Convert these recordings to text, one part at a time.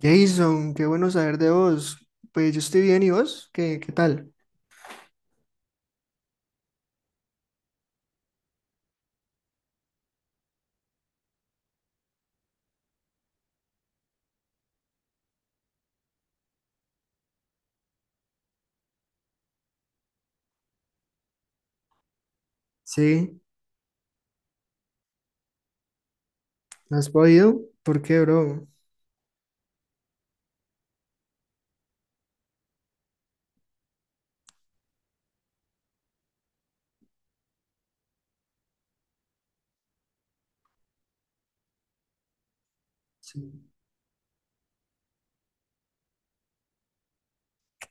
Jason, qué bueno saber de vos. Pues yo estoy bien, ¿y vos? ¿Qué tal? Sí, ¿no has podido? ¿Por qué, bro? Sí.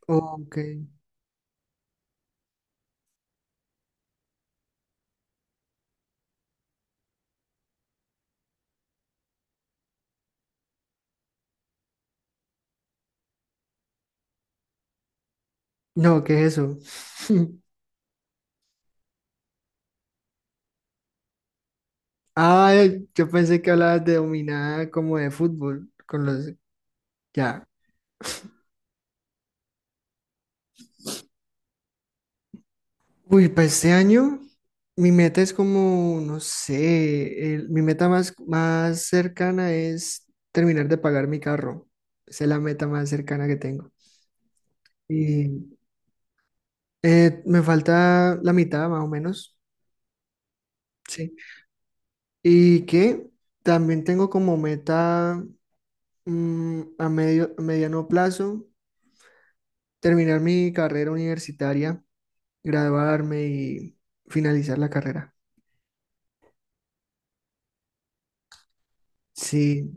Ok. No, ¿qué es eso? Ah, yo pensé que hablabas de dominada como de fútbol con los... Ya. Uy, para este año mi meta es como, no sé, mi meta más cercana es terminar de pagar mi carro. Esa es la meta más cercana que tengo. Me falta la mitad más o menos, sí. Y que también tengo como meta a a mediano plazo terminar mi carrera universitaria, graduarme y finalizar la carrera. Sí.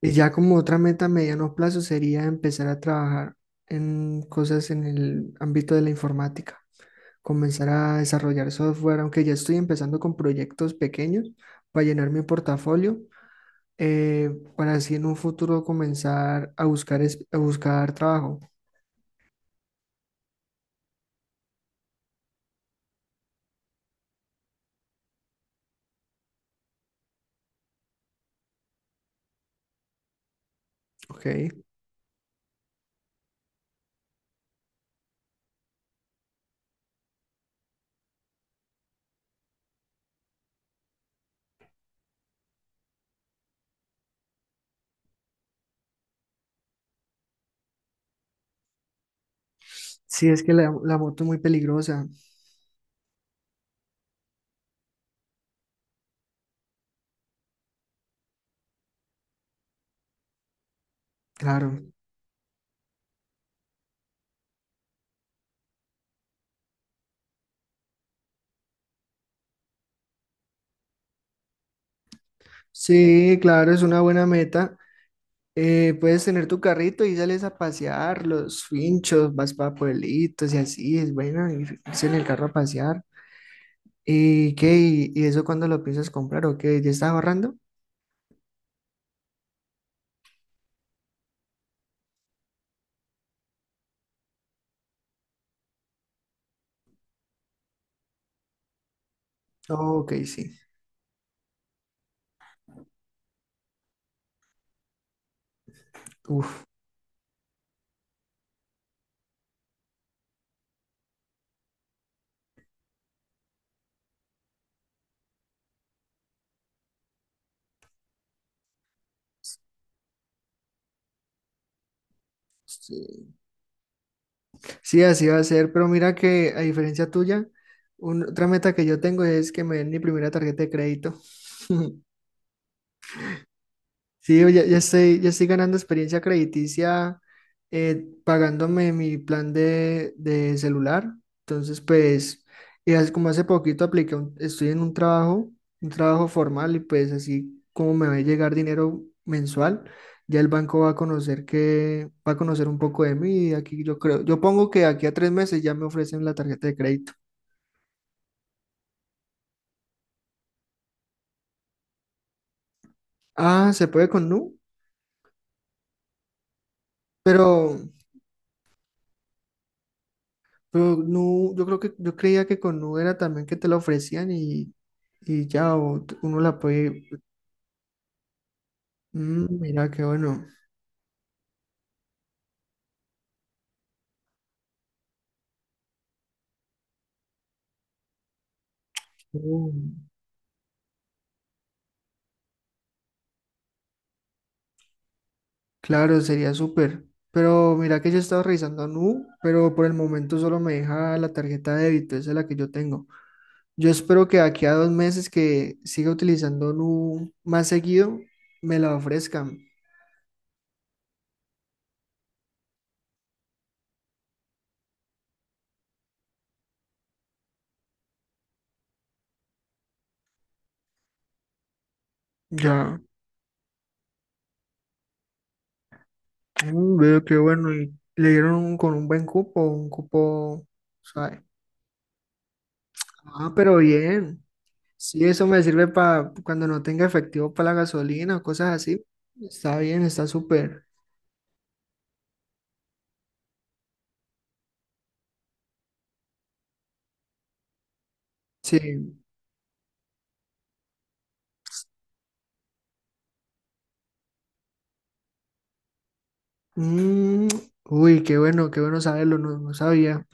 Y ya como otra meta a mediano plazo sería empezar a trabajar en cosas en el ámbito de la informática, comenzar a desarrollar software, aunque ya estoy empezando con proyectos pequeños para llenar mi portafolio eh, para así en un futuro comenzar a buscar, a buscar trabajo, ¿ok? Sí, es que la moto es muy peligrosa, claro. Sí, claro, es una buena meta. Puedes tener tu carrito y sales a pasear los finchos, vas para pueblitos y así, es bueno irse en el carro a pasear. ¿Y qué? ¿Y eso cuándo lo piensas comprar o qué? ¿Ya estás ahorrando? Ok, sí. Uf. Sí. Sí, así va a ser, pero mira que a diferencia tuya, otra meta que yo tengo es que me den mi primera tarjeta de crédito. Sí, yo ya estoy, ya estoy ganando experiencia crediticia pagándome mi plan de celular. Entonces, pues, y como hace poquito apliqué, estoy en un trabajo formal y pues así como me va a llegar dinero mensual, ya el banco va a conocer que, va a conocer un poco de mí y aquí yo creo, yo pongo que aquí a 3 meses ya me ofrecen la tarjeta de crédito. Ah, se puede con Nu, pero Nu, yo creo que yo creía que con Nu era también que te la ofrecían y ya o uno la puede. Mm, mira qué bueno. Uh, claro, sería súper. Pero mira que yo he estado revisando a Nu, pero por el momento solo me deja la tarjeta de débito, esa es la que yo tengo. Yo espero que de aquí a 2 meses que siga utilizando Nu más seguido, me la ofrezcan. Ya, mm, veo qué bueno. Y le dieron con un buen cupo, un cupo, ¿sabes? Ah, pero bien. Si eso me sirve para cuando no tenga efectivo para la gasolina o cosas así, está bien, está súper. Sí. Mm, uy, qué bueno saberlo, no, no sabía.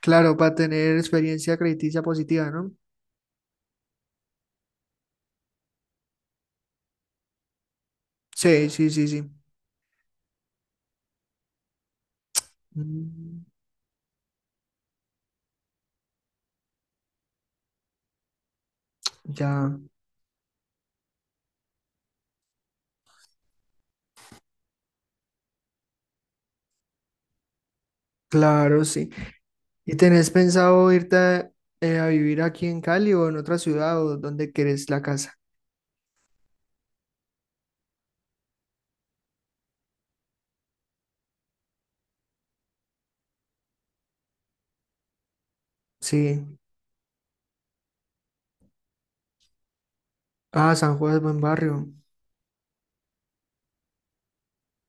Claro, para tener experiencia crediticia positiva, ¿no? Sí, sí, sí, sí. Mm, ya, claro, sí. ¿Y tenés pensado irte a vivir aquí en Cali o en otra ciudad o donde querés la casa? Sí. Ah, San Juan es buen barrio.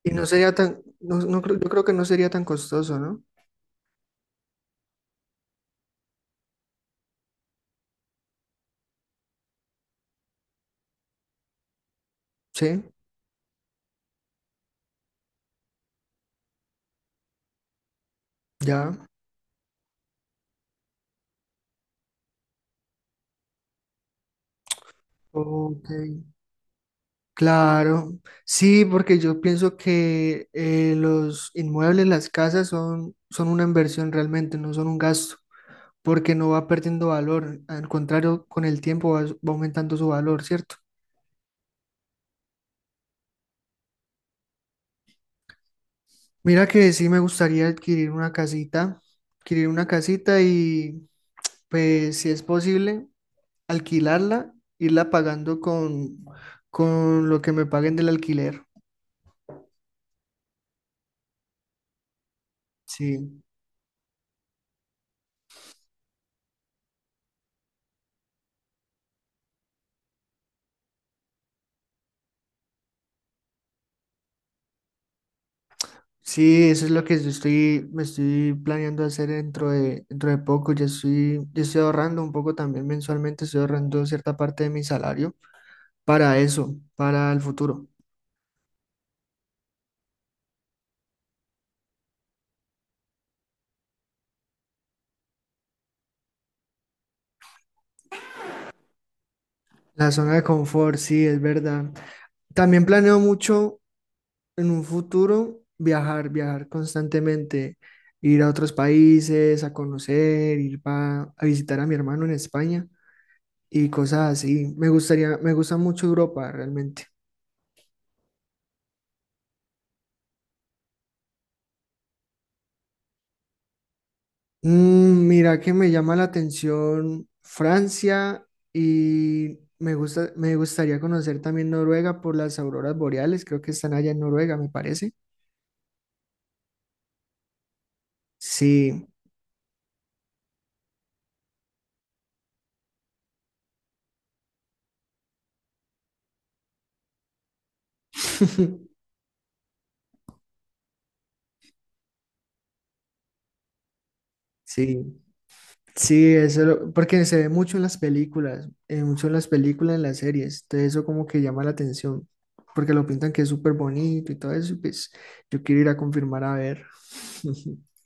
Y no sería tan, no creo- yo creo que no sería tan costoso, ¿no? Sí. Ya, ok, claro. Sí, porque yo pienso que los inmuebles, las casas son una inversión realmente, no son un gasto, porque no va perdiendo valor. Al contrario, con el tiempo va aumentando su valor, ¿cierto? Mira que sí me gustaría adquirir una casita y pues si es posible, alquilarla, irla pagando con lo que me paguen del alquiler. Sí. Sí, eso es lo que yo estoy, me estoy planeando hacer dentro de poco. Ya estoy ahorrando un poco también mensualmente, estoy ahorrando cierta parte de mi salario para eso, para el futuro. La zona de confort, sí, es verdad. También planeo mucho en un futuro viajar, viajar constantemente, ir a otros países, a conocer, ir a visitar a mi hermano en España y cosas así. Me gustaría, me gusta mucho Europa realmente. Mm, mira que me llama la atención Francia y me gusta, me gustaría conocer también Noruega por las auroras boreales, creo que están allá en Noruega, me parece. Sí, sí, sí, eso, porque se ve mucho en las películas, mucho en las películas, en las series, entonces eso como que llama la atención, porque lo pintan que es súper bonito y todo eso, y pues yo quiero ir a confirmar a ver.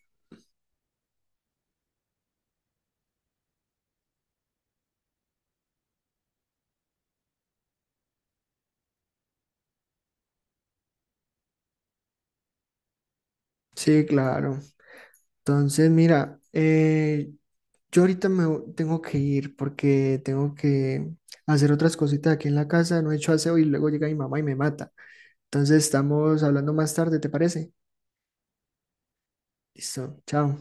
Sí, claro. Entonces, mira, yo ahorita tengo que ir porque tengo que hacer otras cositas aquí en la casa, no he hecho aseo y luego llega mi mamá y me mata. Entonces estamos hablando más tarde, ¿te parece? Listo, chao.